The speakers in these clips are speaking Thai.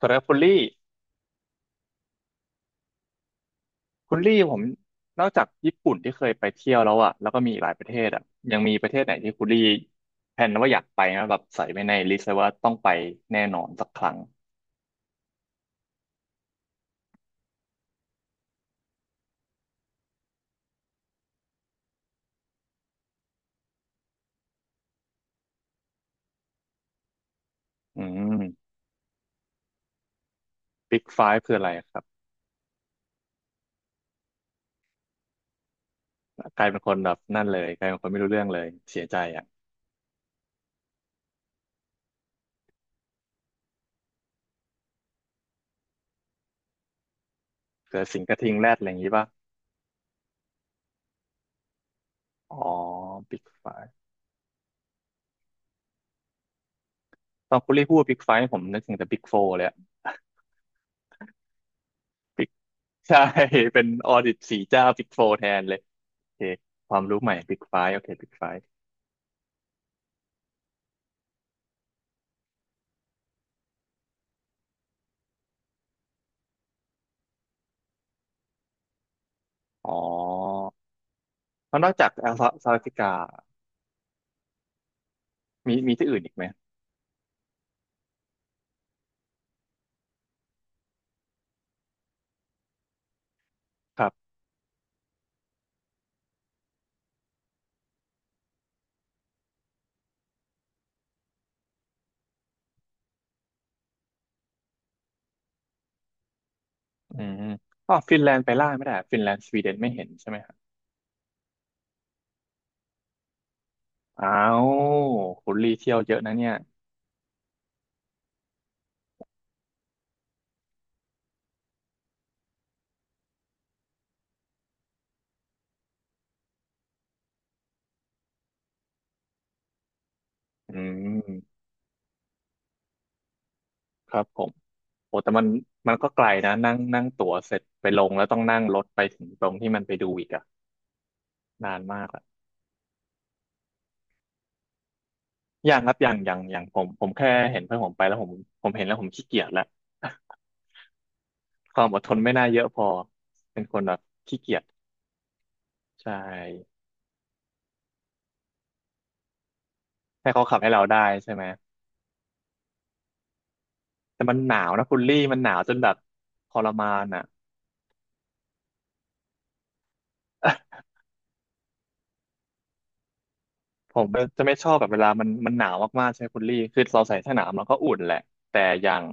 สำหรับคุณลี่คุณลี่ผมนอกจากญี่ปุ่นที่เคยไปเที่ยวแล้วแล้วก็มีอีกหลายประเทศยังมีประเทศไหนที่คุณลี่แผนว่าอยากไปไหมแบบใส่ไว้ในลิสต์ไว้ว่าต้องไปแน่นอนสักครั้งอืมบิ๊กไฟว์คืออะไรครับกลายเป็นคนแบบนั่นเลยกลายเป็นคนไม่รู้เรื่องเลยเสียใจอ่ะเกิดสิงกระทิงแรดอะไรอย่างนี้ป่ะอ๋อบิ๊กไฟว์ตอนคุณลี่พูดบิ๊กไฟว์ผมนึกถึงแต่บิ๊กโฟร์เลยอะ Big ใช่ เป็นออดิตสี่เจ้าบิ๊กโฟร์แทนเลยโอเคความรู้ใหม่บิ๊กไฟว์โอเคบิ๊กไฟว์ อ๋อแล้วนอกจากแอลเซาท์แอฟริกามีที่อื่นอีกไหมครับอืมอ๋อฟินแลนด์ไปล่าไม่ได้ฟินแลนด์สวีเดนไม่เห็นใช่ไหมครับอ้าวคุณรีเที่ยวเยอะนะเนี่ยอืมครับผมโอ้แต่มันมันก็ไกลนะนั่งนั่งตั๋วเสร็จไปลงแล้วต้องนั่งรถไปถึงตรงที่มันไปดูอีกอะนานมากอะอย่างครับอย่างผมแค่เห็นเพื่อนผมไปแล้วผมผมเห็นแล้วผมขี้เกียจแล้ว ความอดทนไม่น่าเยอะพอเป็นคนแบบขี้เกียจใช่ให้เขาขับให้เราได้ใช่ไหม แต่มันหนาวนะคุณลี่มันหนาวจนแบบทรมานอ่ะ ผมจะไม่ชอบแบบเวลามันหนาวมากๆใช่ไหมคุณลี่คือเราใส่เสื้อหนาวมันก็อุ่นแหละแต่อย่าง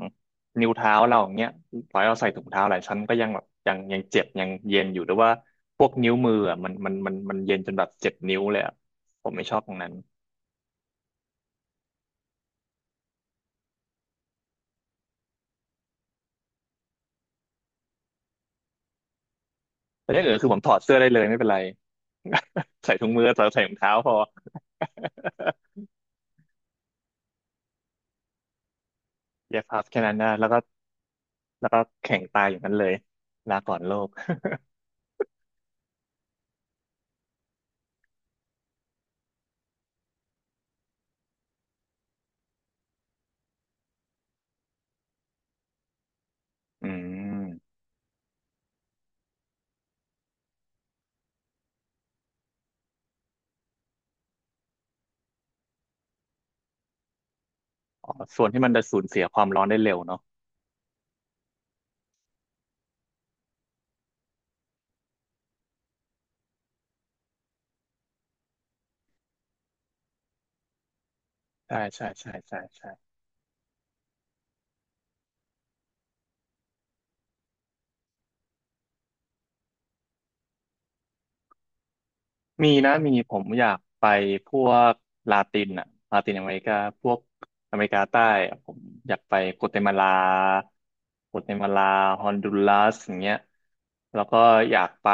นิ้วเท้าเราอย่างเงี้ยต่อให้เราใส่ถุงเท้าหลายชั้นก็ยังแบบยังเจ็บยังเย็นอยู่หรือว่าพวกนิ้วมืออ่ะมันเย็นจนแบบเจ็บนิ้วเลยอะผมไม่ชอบตรงนั้นแต่อย่างอื่นคือผมถอดเสื้อได้เลยไม่เป็นไร ใส่ถุงมือใส่ถุงเท้าพอเย็บพับแค่นั้นนะแล้วก็แล้วก็แข่งตายอย่างนั้นเลยลาก่อนโลก อืม อ๋อส่วนที่มันจะสูญเสียความร้อนได้เร็วเนาะใช่ ใช่ ใช่ มีนะมีผมอยากไปพวกลาตินอ่ะลาตินอเมริกาพวกอเมริกาใต้อะผมอยากไปโกเตมาลาโกเตมาลาฮอนดูรัสอย่างเงี้ยแล้วก็อยากไป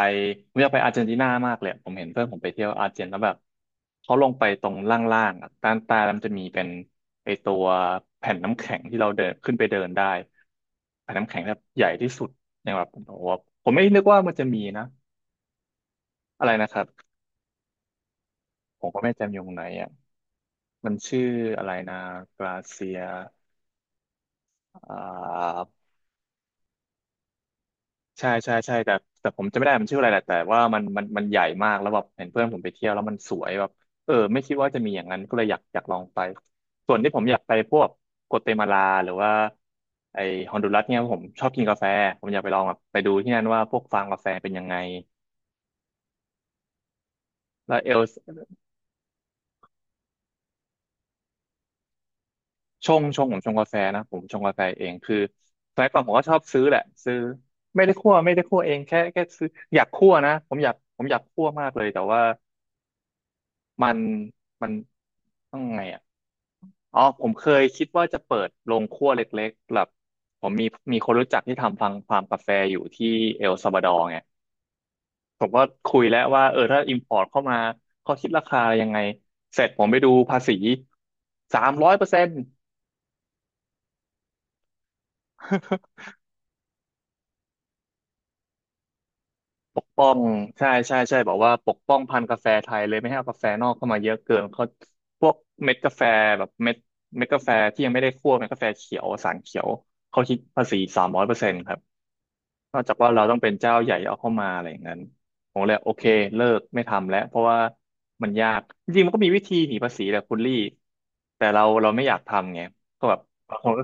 ผมอยากไปอาร์เจนตินามากเลยอะผมเห็นเพื่อนผมไปเที่ยวอาร์เจนแล้วแบบเขาลงไปตรงล่างๆอ่ะด้านใต้แล้วมันจะมีเป็นไอตัวแผ่นน้ำแข็งที่เราเดินขึ้นไปเดินได้แผ่นน้ำแข็งแบบใหญ่ที่สุดในแบบผมบอกว่าผมไม่นึกว่ามันจะมีนะอะไรนะครับผมก็ไม่จำอยู่ตรงไหนอ่ะ มันชื่ออะไรนะกราเซียอ่าใช่ใช่แต่แต่ผมจำไม่ได้มันชื่ออะไรแหละแต่ว่ามันใหญ่มากแล้วแบบเห็นเพื่อนผมไปเที่ยวแล้วมันสวยแบบเออไม่คิดว่าจะมีอย่างนั้นก็เลยอยากลองไปส่วนที่ผมอยากไปพวกโกเตมาลาหรือว่าไอฮอนดูรัสเนี่ยผมชอบกินกาแฟผมอยากไปลองแบบไปดูที่นั่นว่าพวกฟาร์มกาแฟเป็นยังไงแล้วเอล ชงผมชงกาแฟนะผมชงกาแฟเองคือสมัยก่อนผมก็ชอบซื้อแหละซื้อไม่ได้คั่วไม่ได้คั่วเองแค่ซื้ออยากคั่วนะผมอยากผมอยากคั่วมากเลยแต่ว่ามันมันต้องไงอ่ะอ๋อผมเคยคิดว่าจะเปิดโรงคั่วเล็กๆแบบผมมีมีคนรู้จักที่ทำฟาร์มกาแฟอยู่ที่เอลซัลวาดอร์ไงผมก็คุยแล้วว่าเออถ้าอิมพอร์ตเข้ามาเขาคิดราคายังไงเสร็จผมไปดูภาษีสามร้อยเปอร์เซ็นต์ ป้องใช่ใช่บอกว่าปกป้องพันธุ์กาแฟไทยเลยไม่ให้เอากาแฟนอกเข้ามาเยอะเกินเขาพวกเม็ดกาแฟแบบเม็ดกาแฟที่ยังไม่ได้คั่วเม็ดกาแฟเขียวสารเขียวเขาคิดภาษีสามร้อยเปอร์เซ็นต์ครับนอกจากว่าเราต้องเป็นเจ้าใหญ่เอาเข้ามาอะไรอย่างนั้นผมเลยโอเคเลิกไม่ทำแล้วเพราะว่ามันยากจริงๆมันก็มีวิธีหนีภาษีแหละคุณลี่แต่เราไม่อยากทำไงก็แบบบางคนก็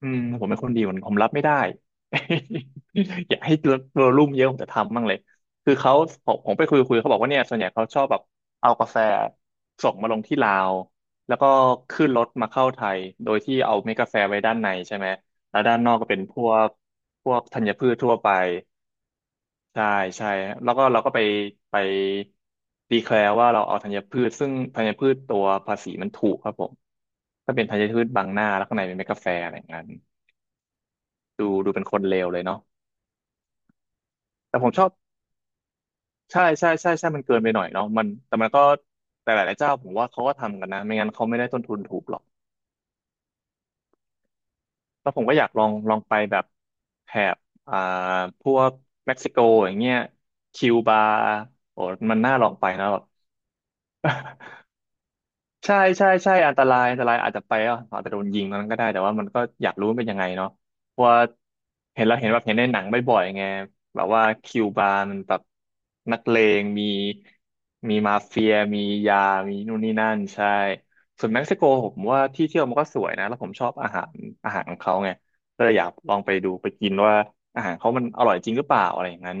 อืมผมเป็นคนดีกว่านั้นผมรับไม่ได้ อยากให้โรลลุ่มเยอะผมจะทำบ้างเลยคือเขาผมไปคุยเขาบอกว่าเนี่ยส่วนใหญ่เขาชอบแบบเอากาแฟส่งมาลงที่ลาวแล้วก็ขึ้นรถมาเข้าไทยโดยที่เอาเม็ดกาแฟไว้ด้านในใช่ไหมแล้วด้านนอกก็เป็นพวกธัญพืชทั่วไปใช่ใช่แล้วก็เราก็ไปดีแคลร์ว่าเราเอาธัญพืชซึ่งธัญพืชตัวภาษีมันถูกครับผมถ้าเป็นธัญพืชบางหน้าแล้วข้างในเป็นเม็ดกาแฟอะไรอย่างนั้น ดูเป็นคนเลวเลยเนาะแต่ผมชอบใช่ใช่ใช่ใช่มันเกินไปหน่อยเนาะมันแต่มันก็แต่หลาย ๆ เจ้าผมว่าเขาก็ทำกันนะไม่งั้นเขาไม่ได้ต้นทุนถูกหรอกแล้วผมก็อยากลองไปแบบแถบอ่าพวกเม็กซิโกอย่างเงี้ยคิวบาโอ้มันน่าลองไปนะแบบ ใช่ใช่ใช่อันตรายอันตรายอาจจะไปอ่ะอาจจะโดนยิงตอนนั้นก็ได้แต่ว่ามันก็อยากรู้มันเป็นยังไงเนาะเพราะว่าเห็นเราเห็นแบบเห็นในหนังบ่อยๆไงแบบว่าคิวบาร์มันแบบนักเลงมีมาเฟียมียา มีนู่นนี่นั่นใช่ส่วนเม็กซิโกผมว่าที่เที่ยวมันก็สวยนะแล้วผมชอบอาหารของเขาไงก็เลยอยากลองไปดูไปกินว่าอาหารเขามันอร่อยจริงหรือเปล่าอะไรอย่างนั้น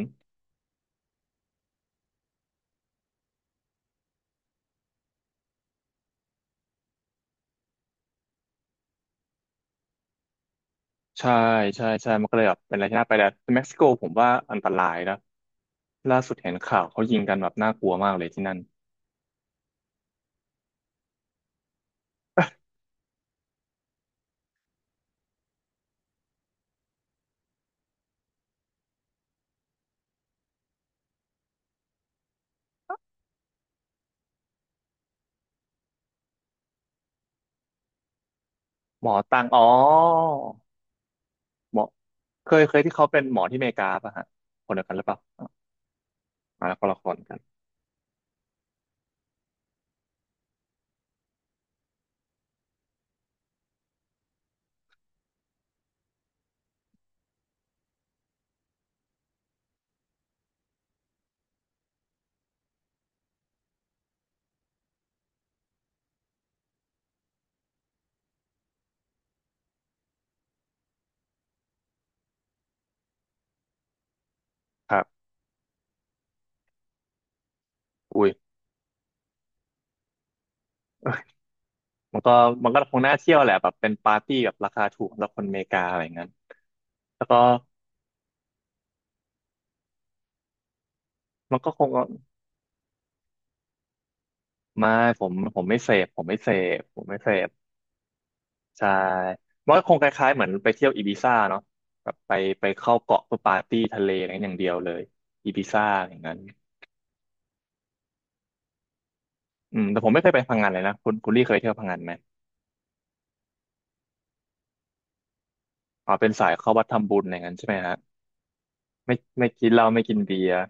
ใช่ใช่ใช่มันก็เลยแบบเป็นอะไรที่น่าไปแต่เม็กซิโกผมว่าอันตรายนะล่าสุดเห็นข่าวเขายิงกันแบบน่ากลัวมากเลยที่นั่นหมอตังอ๋อหมอเคยที่เขาเป็นหมอที่อเมริกาป่ะฮะคนเดียวกันหรือเปล่าอ่าคนละคนกันครับอุ้ยมันก็มันก็คงน่าเที่ยวแหละแบบเป็นปาร์ตี้แบบราคาถูกสำหรับคนอเมริกาอะไรอย่างนั้นแล้วก็มันก็คงไม่ผมไม่เสพผมไม่เสพผมไม่เสพ ใช่มันก็คงคล้ายๆเหมือนไปเที่ยวอีบิซ่าเนาะแบบไปเข้าเกาะเพื่อปาร์ตี้ทะเลอะไรอย่างเดียวเลยอีบิซ่าอย่างนั้นอืมแต่ผมไม่เคยไปพังงานเลยนะคุณลี่เคยเที่ยวพังงานไหมอ๋อเป็นสายเข้าวัดทำบุญอะไรอย่างนั้นใช่ไหมฮะไม่ไม่กินเหล้าไม่กินเบียร์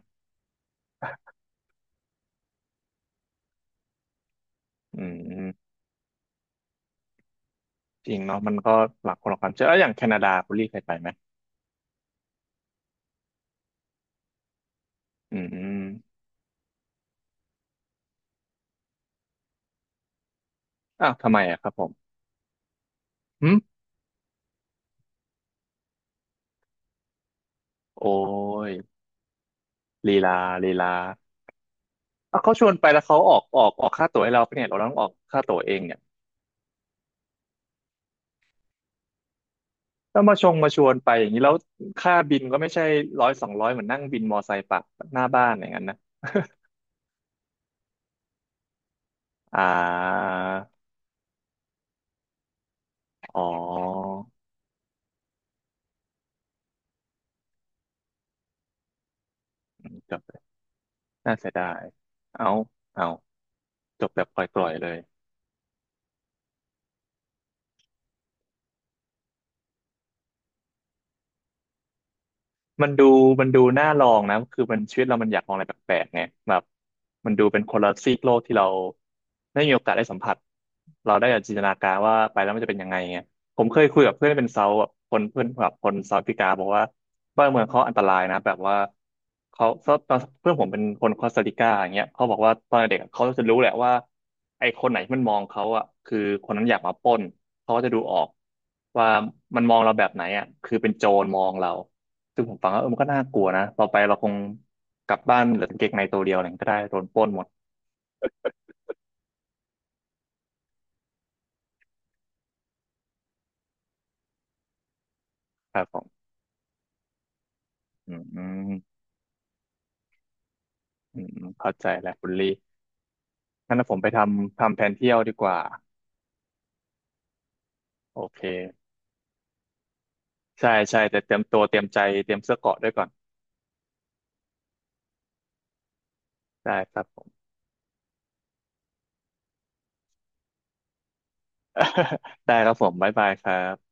อืมจริงเนาะมันก็หลักคนละความเชื่อแล้วอย่างแคนาดาคุณลี่เคยไปไหมอืมอ้าวทำไมอะครับผมหึโอ้ยลีลาลีลาอ่ะเขาชวนไปแล้วเขาออกค่าตั๋วให้เราปะเนี่ยเราต้องออกค่าตั๋วเองเนี่ย ถ้ามาชงมาชวนไปอย่างนี้แล้วค่าบินก็ไม่ใช่ร้อยสองร้อยเหมือนนั่งบินมอไซค์ปักหน้าบ้านอย่างนั้นนะอ่าอ๋ออืมจบเลยน่าเสียดายเอาเอาจบแบบปล่อยๆเลย มันดูมันดูน่าลองนะคือมันชีวิตเรามันอยากลองอะไรแปลกๆไงแบบมันดูเป็นคนละซีกโลกที่เราได้มีโอกาสได้สัมผัสเราได้จินตนาการว่าไปแล้วมันจะเป็นยังไงไงผมเคยคุยกับเพื่อนเป็นเซาท์แบบคนเพื่อนแบบคนเซาท์แอฟริกาบอกว่าบ้านเมืองเขาอันตรายนะแบบว่าเขาตอนเพื่อนผมเป็นคนคอสตาริกาอย่างเงี้ยเขาบอกว่าตอนเด็กอะเขาจะรู้แหละว่าไอ้คนไหนที่มันมองเขาอ่ะคือคนนั้นอยากมาปล้นเขาก็จะดูออกว่ามันมองเราแบบไหนอ่ะคือเป็นโจรมองเรา ซึ่งผมฟังแล้วเออมันก็น่ากลัวนะต่อไปเราคงกลับบ้านเหลือกางเกงในตัวเดียวอะไรก็ได้โดนปล้นหมดครับผมอืมอืมอืมอเข้าใจแล้วคุณลี่งั้นนะผมไปทำแผนเที่ยวดีกว่าโอเคใช่ใช่แต่เตรียมตัวเตรียมใจเตรียมเสื้อเกราะด้วยก่อนได้ครับผม ได้ครับผมบ๊ายบายครับ